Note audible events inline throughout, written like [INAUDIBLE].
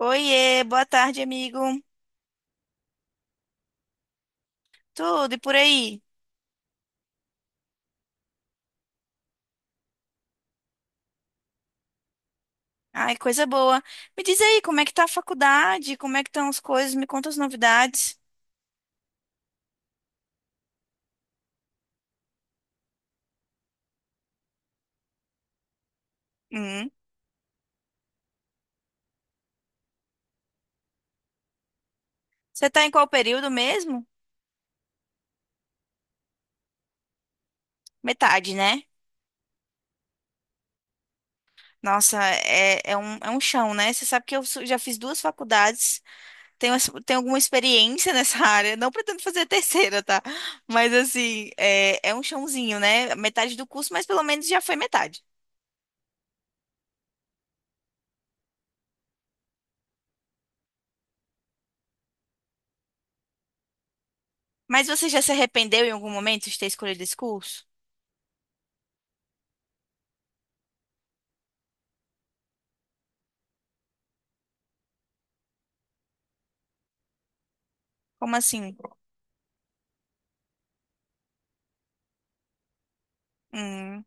Oiê, boa tarde, amigo. Tudo e por aí? Ai, coisa boa. Me diz aí, como é que tá a faculdade? Como é que estão as coisas? Me conta as novidades. Hum. Você tá em qual período mesmo? Metade, né? Nossa, é um chão, né? Você sabe que eu já fiz duas faculdades, tenho alguma experiência nessa [LAUGHS] área. Não pretendo fazer a terceira, tá? Mas assim, é um chãozinho, né? Metade do curso, mas pelo menos já foi metade. Mas você já se arrependeu em algum momento de ter escolhido esse curso? Como assim? Hum,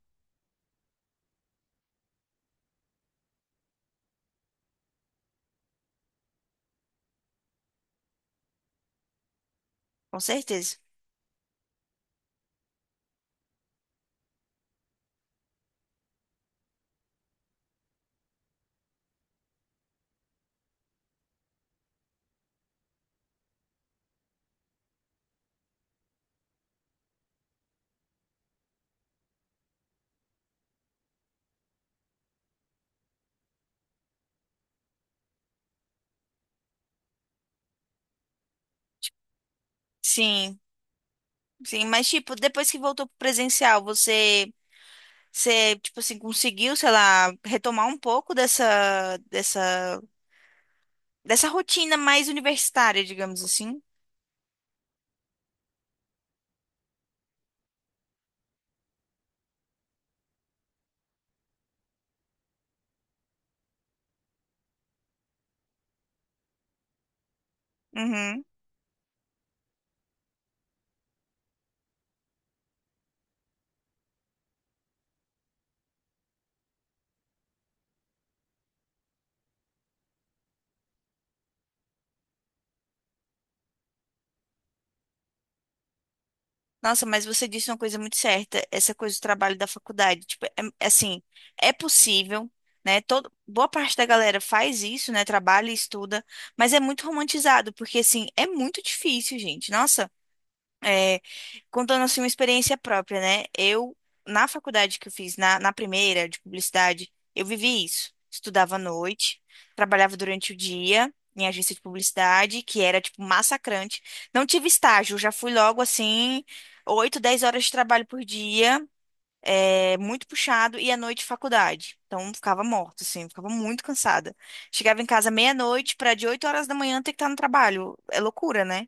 com certeza. Sim, sim, mas tipo, depois que voltou pro presencial, você, tipo assim, conseguiu, sei lá, retomar um pouco dessa rotina mais universitária, digamos assim? Uhum. Nossa, mas você disse uma coisa muito certa, essa coisa do trabalho da faculdade. Tipo, é assim, é possível, né? Todo, boa parte da galera faz isso, né? Trabalha e estuda, mas é muito romantizado, porque assim, é muito difícil, gente. Nossa. é, contando assim uma experiência própria, né? Eu, na faculdade que eu fiz, na primeira de publicidade, eu vivi isso. Estudava à noite, trabalhava durante o dia em agência de publicidade, que era tipo massacrante. Não tive estágio, já fui logo assim, 8 10 horas de trabalho por dia, é muito puxado, e à noite faculdade. Então ficava morta, assim, ficava muito cansada. Chegava em casa meia-noite para de 8 horas da manhã ter que estar no trabalho. É loucura, né?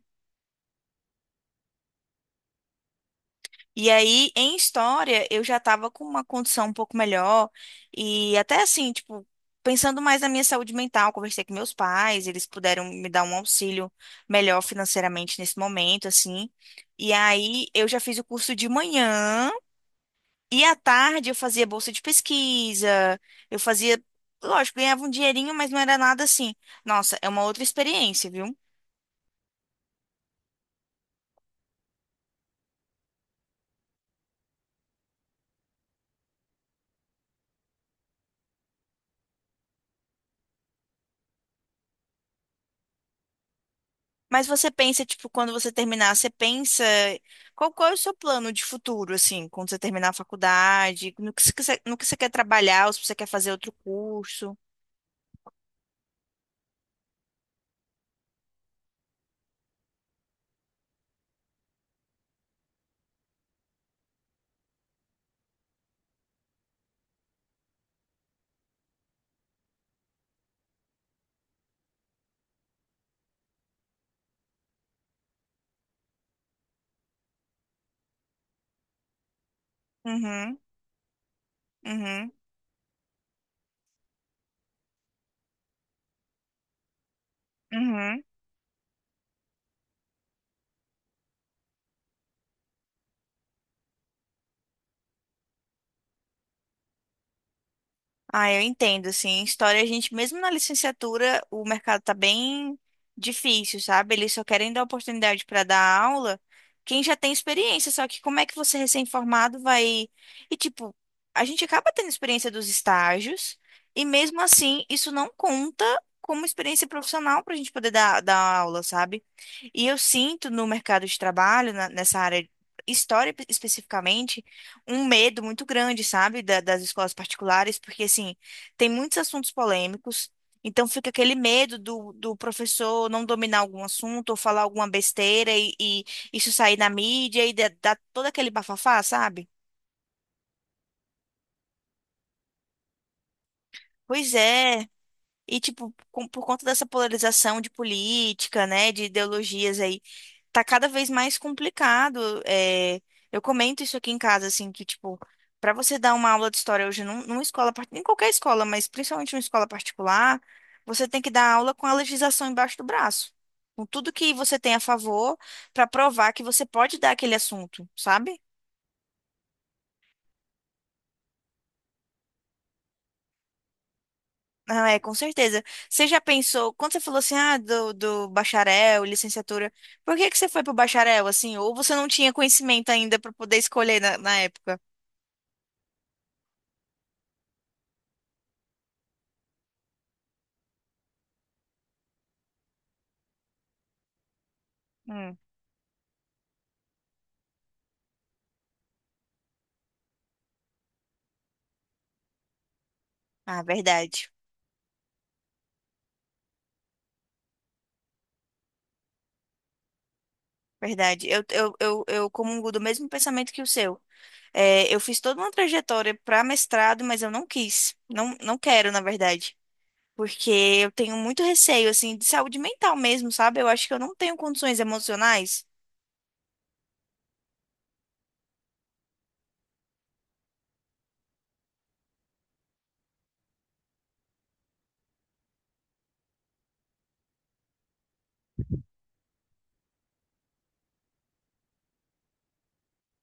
E aí, em história, eu já estava com uma condição um pouco melhor. E até assim, tipo, pensando mais na minha saúde mental, conversei com meus pais, eles puderam me dar um auxílio melhor financeiramente nesse momento, assim. E aí, eu já fiz o curso de manhã. E à tarde, eu fazia bolsa de pesquisa. Eu fazia, lógico, ganhava um dinheirinho, mas não era nada assim. Nossa, é uma outra experiência, viu? Mas você pensa, tipo, quando você terminar, você pensa qual, qual é o seu plano de futuro, assim, quando você terminar a faculdade, no que você, quer- no que você quer trabalhar, ou se você quer fazer outro curso. Uhum, uhum, uhum. Ah, eu entendo, assim, história a gente, mesmo na licenciatura, o mercado tá bem difícil, sabe? Eles só querem dar oportunidade para dar aula quem já tem experiência, só que como é que você recém-formado vai... E, tipo, a gente acaba tendo experiência dos estágios e, mesmo assim, isso não conta como experiência profissional para a gente poder dar aula, sabe? E eu sinto no mercado de trabalho, nessa área, história especificamente, um medo muito grande, sabe, das escolas particulares, porque, assim, tem muitos assuntos polêmicos, então fica aquele medo do professor não dominar algum assunto ou falar alguma besteira e isso sair na mídia e dar todo aquele bafafá, sabe? Pois é. E, tipo, por conta dessa polarização de política, né, de ideologias aí tá cada vez mais complicado. É, eu comento isso aqui em casa, assim, que, tipo, para você dar uma aula de história hoje numa escola, em qualquer escola, mas principalmente numa escola particular, você tem que dar aula com a legislação embaixo do braço. Com tudo que você tem a favor, para provar que você pode dar aquele assunto, sabe? Ah, é, com certeza. Você já pensou, quando você falou assim, ah, do bacharel, licenciatura, por que que você foi pro bacharel, assim? Ou você não tinha conhecimento ainda para poder escolher na época? Hum. Ah, verdade. Verdade. Eu comungo do mesmo pensamento que o seu. É, eu fiz toda uma trajetória para mestrado, mas eu não quis. Não, não quero, na verdade. Porque eu tenho muito receio, assim, de saúde mental mesmo, sabe? Eu acho que eu não tenho condições emocionais.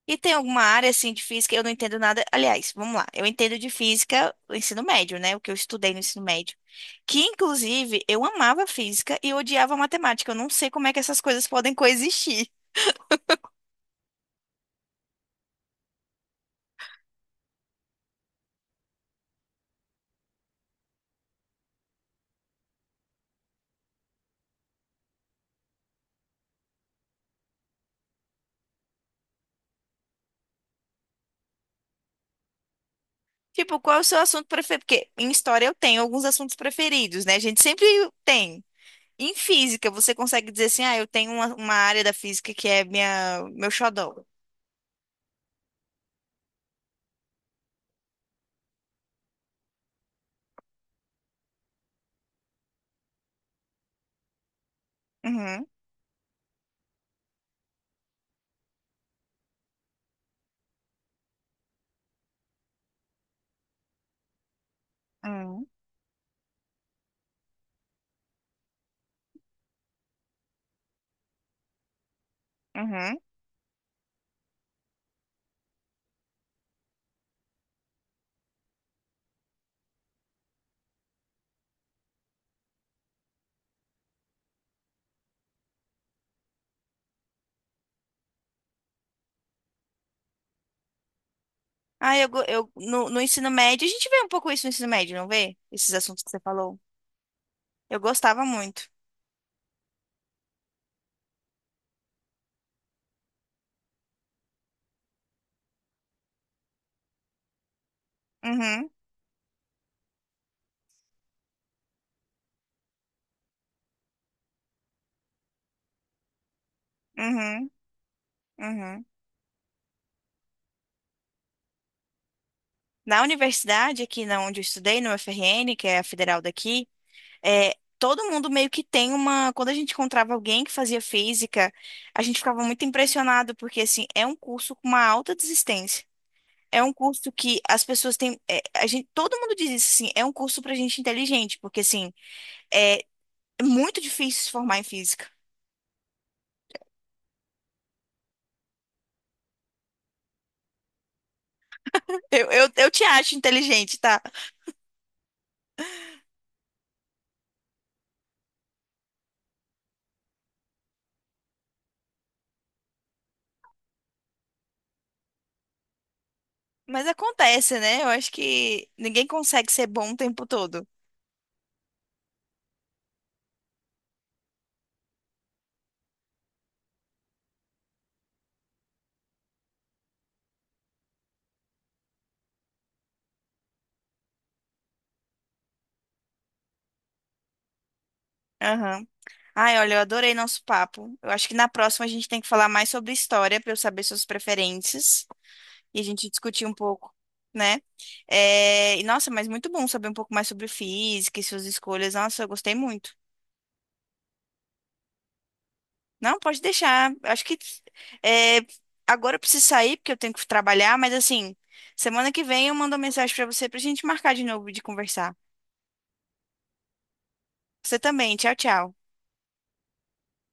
E tem alguma área, assim, de física, eu não entendo nada. Aliás, vamos lá. Eu entendo de física o ensino médio, né? O que eu estudei no ensino médio. Que, inclusive, eu amava física e odiava matemática. Eu não sei como é que essas coisas podem coexistir. Tipo, qual é o seu assunto preferido? Porque em história eu tenho alguns assuntos preferidos, né? A gente sempre tem. Em física, você consegue dizer assim, ah, eu tenho uma, área da física que é minha, meu xodó. Uhum, uhum, uhum. Ah, eu no ensino médio, a gente vê um pouco isso no ensino médio, não vê? Esses assuntos que você falou. Eu gostava muito. Uhum, uhum, uhum. Na universidade, aqui na onde eu estudei, no FRN, que é a federal daqui, é, todo mundo meio que tem uma. Quando a gente encontrava alguém que fazia física, a gente ficava muito impressionado, porque assim, é um curso com uma alta desistência. É um curso que as pessoas têm. A gente, todo mundo diz isso, assim, é um curso pra gente inteligente, porque assim, é muito difícil se formar em física. Eu te acho inteligente, tá? Mas acontece, né? Eu acho que ninguém consegue ser bom o tempo todo. Aham. Ai, olha, eu adorei nosso papo. Eu acho que na próxima a gente tem que falar mais sobre história pra eu saber suas preferências. E a gente discutir um pouco, né? É, e nossa, mas muito bom saber um pouco mais sobre física e suas escolhas. Nossa, eu gostei muito. Não, pode deixar. Acho que é, agora eu preciso sair porque eu tenho que trabalhar, mas assim, semana que vem eu mando uma mensagem pra você pra gente marcar de novo de conversar. Você também. Tchau, tchau.